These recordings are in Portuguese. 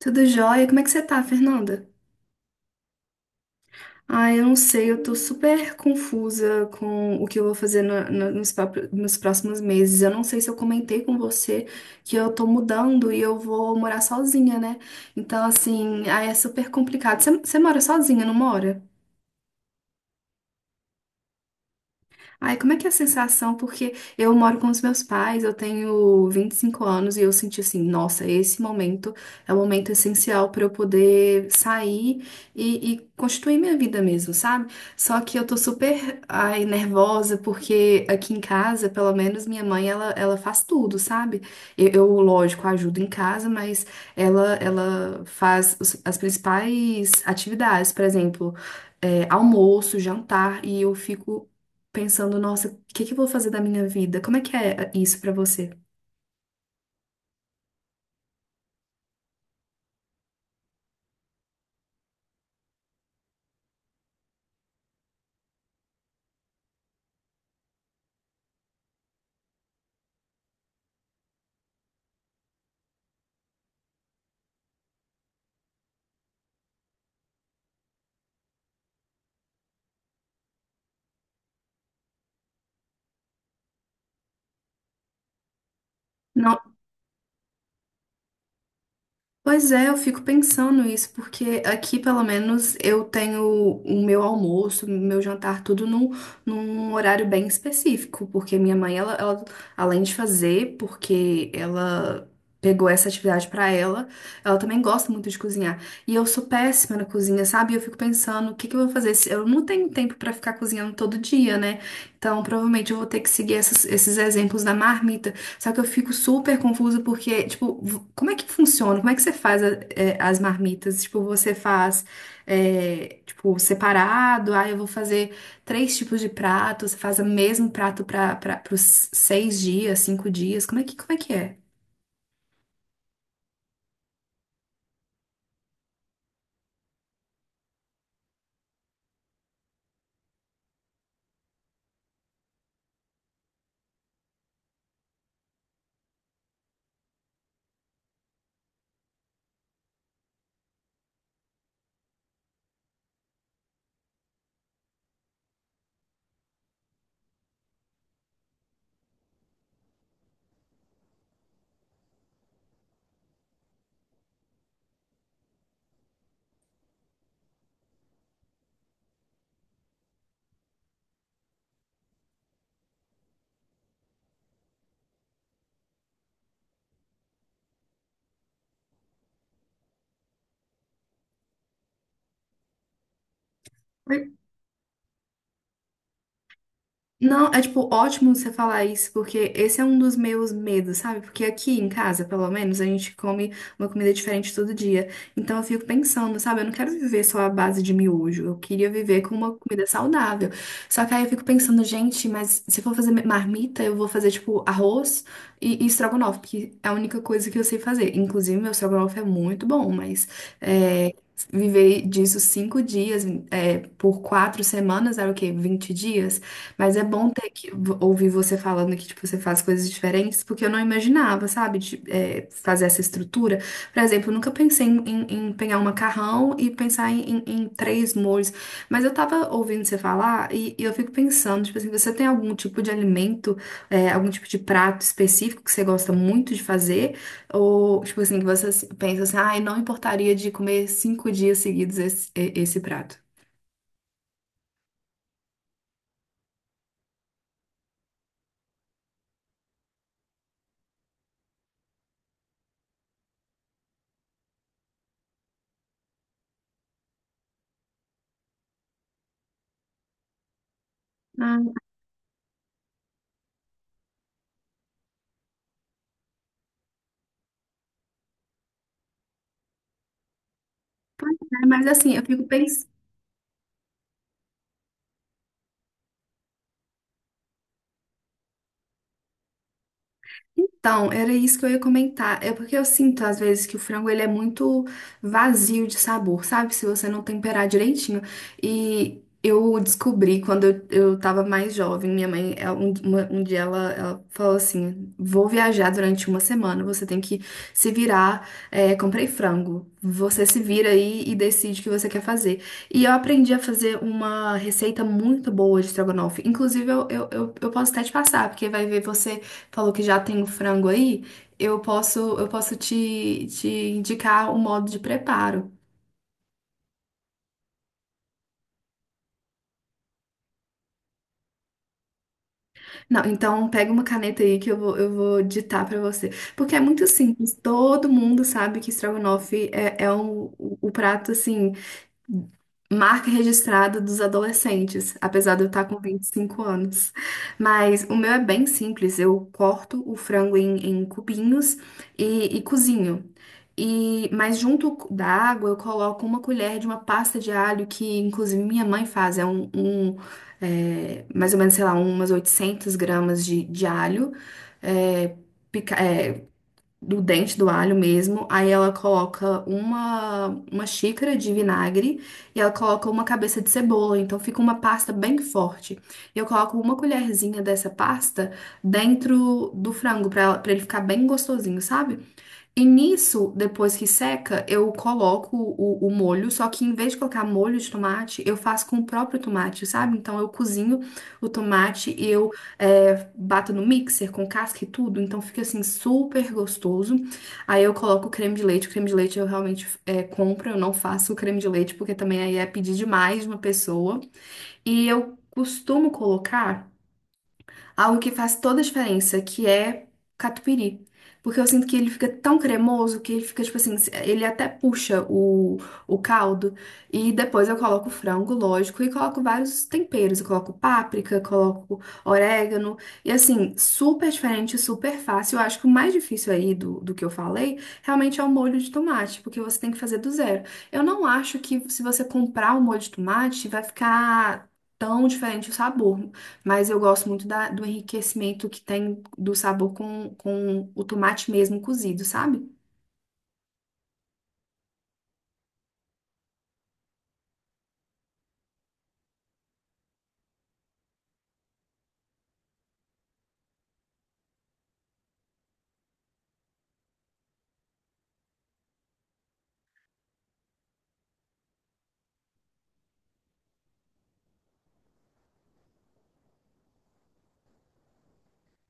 Tudo jóia? Como é que você tá, Fernanda? Ah, eu não sei, eu tô super confusa com o que eu vou fazer nos próximos meses. Eu não sei se eu comentei com você que eu tô mudando e eu vou morar sozinha, né? Então, assim, é super complicado. Você mora sozinha, não mora? Ai, como é que é a sensação? Porque eu moro com os meus pais, eu tenho 25 anos e eu senti assim, nossa, esse momento é o momento essencial para eu poder sair e constituir minha vida mesmo, sabe? Só que eu tô super, ai, nervosa porque aqui em casa, pelo menos minha mãe, ela faz tudo, sabe? Eu, lógico, ajudo em casa, mas ela faz as principais atividades, por exemplo, almoço, jantar, e eu fico pensando, nossa, o que que eu vou fazer da minha vida? Como é que é isso pra você? Não. Pois é, eu fico pensando isso, porque aqui pelo menos eu tenho o meu almoço, o meu jantar, tudo num horário bem específico, porque minha mãe, ela, além de fazer, porque ela pegou essa atividade pra ela, ela também gosta muito de cozinhar. E eu sou péssima na cozinha, sabe? E eu fico pensando, o que que eu vou fazer? Eu não tenho tempo pra ficar cozinhando todo dia, né? Então provavelmente eu vou ter que seguir esses exemplos da marmita, só que eu fico super confusa porque, tipo, como é que funciona? Como é que você faz as marmitas? Tipo, você faz, tipo, separado, eu vou fazer três tipos de prato, você faz o mesmo prato para os 6 dias, 5 dias, como é que é? Não, é tipo ótimo você falar isso, porque esse é um dos meus medos, sabe? Porque aqui em casa, pelo menos, a gente come uma comida diferente todo dia. Então eu fico pensando, sabe? Eu não quero viver só à base de miojo. Eu queria viver com uma comida saudável. Só que aí eu fico pensando, gente, mas se for fazer marmita, eu vou fazer tipo arroz e estrogonofe, porque é a única coisa que eu sei fazer. Inclusive, meu estrogonofe é muito bom, mas é, viver disso 5 dias, por 4 semanas, era o quê? 20 dias? Mas é bom ter que ouvir você falando que, tipo, você faz coisas diferentes, porque eu não imaginava, sabe, fazer essa estrutura. Por exemplo, eu nunca pensei em pegar um macarrão e pensar em três molhos. Mas eu tava ouvindo você falar e eu fico pensando, tipo assim, você tem algum tipo de alimento, algum tipo de prato específico que você gosta muito de fazer? Ou, tipo assim, que você pensa assim, ai, não importaria de comer 5 dias seguidos esse prato? Ah, pois é, mas assim, eu fico pensando. Então, era isso que eu ia comentar. É porque eu sinto às vezes que o frango ele é muito vazio de sabor, sabe? Se você não temperar direitinho. E eu descobri quando eu tava mais jovem, minha mãe, um dia ela falou assim: "Vou viajar durante uma semana, você tem que se virar. Comprei frango. Você se vira aí e decide o que você quer fazer." E eu aprendi a fazer uma receita muito boa de estrogonofe. Inclusive, eu posso até te passar, porque vai ver você falou que já tem o frango aí, eu posso te indicar o modo de preparo. Não, então pega uma caneta aí que eu vou ditar para você. Porque é muito simples, todo mundo sabe que estrogonofe é o prato assim marca registrada dos adolescentes, apesar de eu estar com 25 anos. Mas o meu é bem simples, eu corto o frango em cubinhos e cozinho. E, mas junto da água eu coloco uma colher de uma pasta de alho que inclusive minha mãe faz, mais ou menos, sei lá, umas 800 gramas de alho, é, do dente do alho mesmo. Aí ela coloca uma xícara de vinagre e ela coloca uma cabeça de cebola. Então fica uma pasta bem forte. E eu coloco uma colherzinha dessa pasta dentro do frango para ele ficar bem gostosinho, sabe? E nisso, depois que seca, eu coloco o molho, só que em vez de colocar molho de tomate, eu faço com o próprio tomate, sabe? Então eu cozinho o tomate e eu bato no mixer com casca e tudo, então fica assim super gostoso. Aí eu coloco o creme de leite, o creme de leite eu realmente compro, eu não faço o creme de leite, porque também aí é pedir demais de uma pessoa. E eu costumo colocar algo que faz toda a diferença, que é catupiry. Porque eu sinto que ele fica tão cremoso que ele fica, tipo assim, ele até puxa o caldo. E depois eu coloco o frango, lógico, e coloco vários temperos. Eu coloco páprica, coloco orégano. E assim, super diferente, super fácil. Eu acho que o mais difícil aí do que eu falei realmente é o molho de tomate, porque você tem que fazer do zero. Eu não acho que se você comprar o molho de tomate vai ficar tão diferente o sabor. Mas eu gosto muito do enriquecimento que tem do sabor com o tomate mesmo cozido, sabe?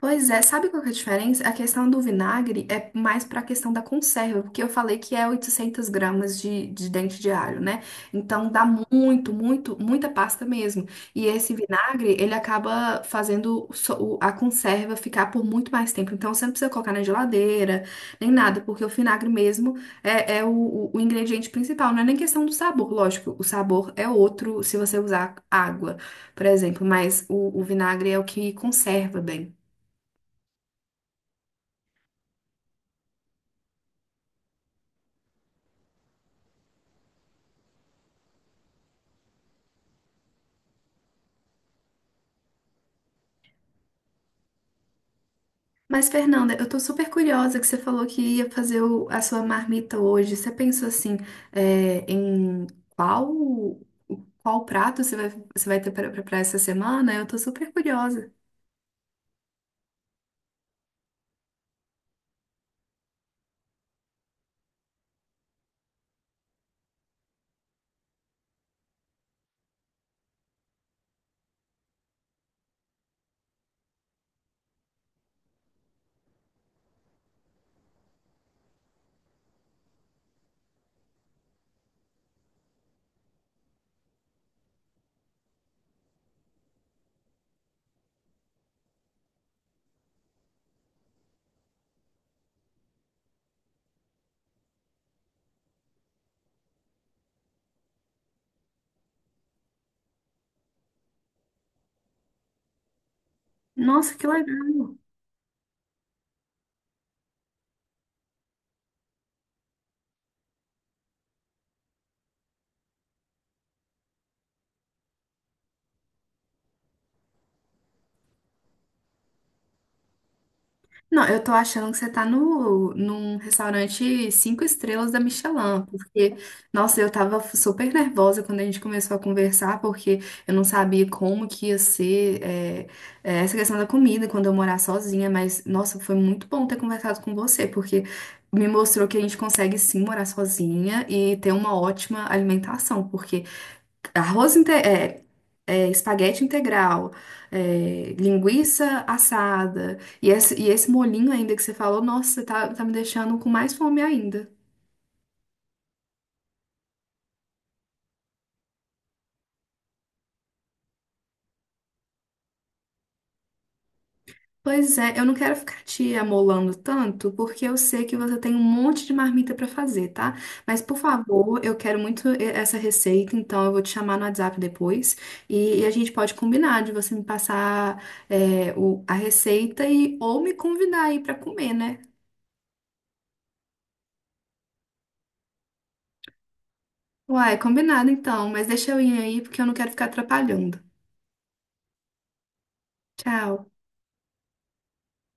Pois é, sabe qual que é a diferença? A questão do vinagre é mais para a questão da conserva, porque eu falei que é 800 gramas de dente de alho, né? Então dá muito, muito, muita pasta mesmo. E esse vinagre, ele acaba fazendo a conserva ficar por muito mais tempo. Então você não precisa colocar na geladeira, nem nada, porque o vinagre mesmo é o ingrediente principal. Não é nem questão do sabor, lógico, o sabor é outro se você usar água, por exemplo, mas o vinagre é o que conserva bem. Mas, Fernanda, eu tô super curiosa que você falou que ia fazer a sua marmita hoje. Você pensou assim, em qual, qual prato você vai ter para preparar essa semana? Eu tô super curiosa. Nossa, que legal! Não, eu tô achando que você tá no, num restaurante cinco estrelas da Michelin, porque, nossa, eu tava super nervosa quando a gente começou a conversar, porque eu não sabia como que ia ser, essa questão da comida quando eu morar sozinha, mas, nossa, foi muito bom ter conversado com você, porque me mostrou que a gente consegue sim morar sozinha e ter uma ótima alimentação, porque arroz inte- é, é, espaguete integral, linguiça assada, e esse molhinho ainda que você falou, nossa, tá me deixando com mais fome ainda. Pois é, eu não quero ficar te amolando tanto, porque eu sei que você tem um monte de marmita pra fazer, tá? Mas, por favor, eu quero muito essa receita, então eu vou te chamar no WhatsApp depois e a gente pode combinar de você me passar a receita e ou me convidar aí pra comer, né? Uai, combinado então, mas deixa eu ir aí porque eu não quero ficar atrapalhando. Tchau.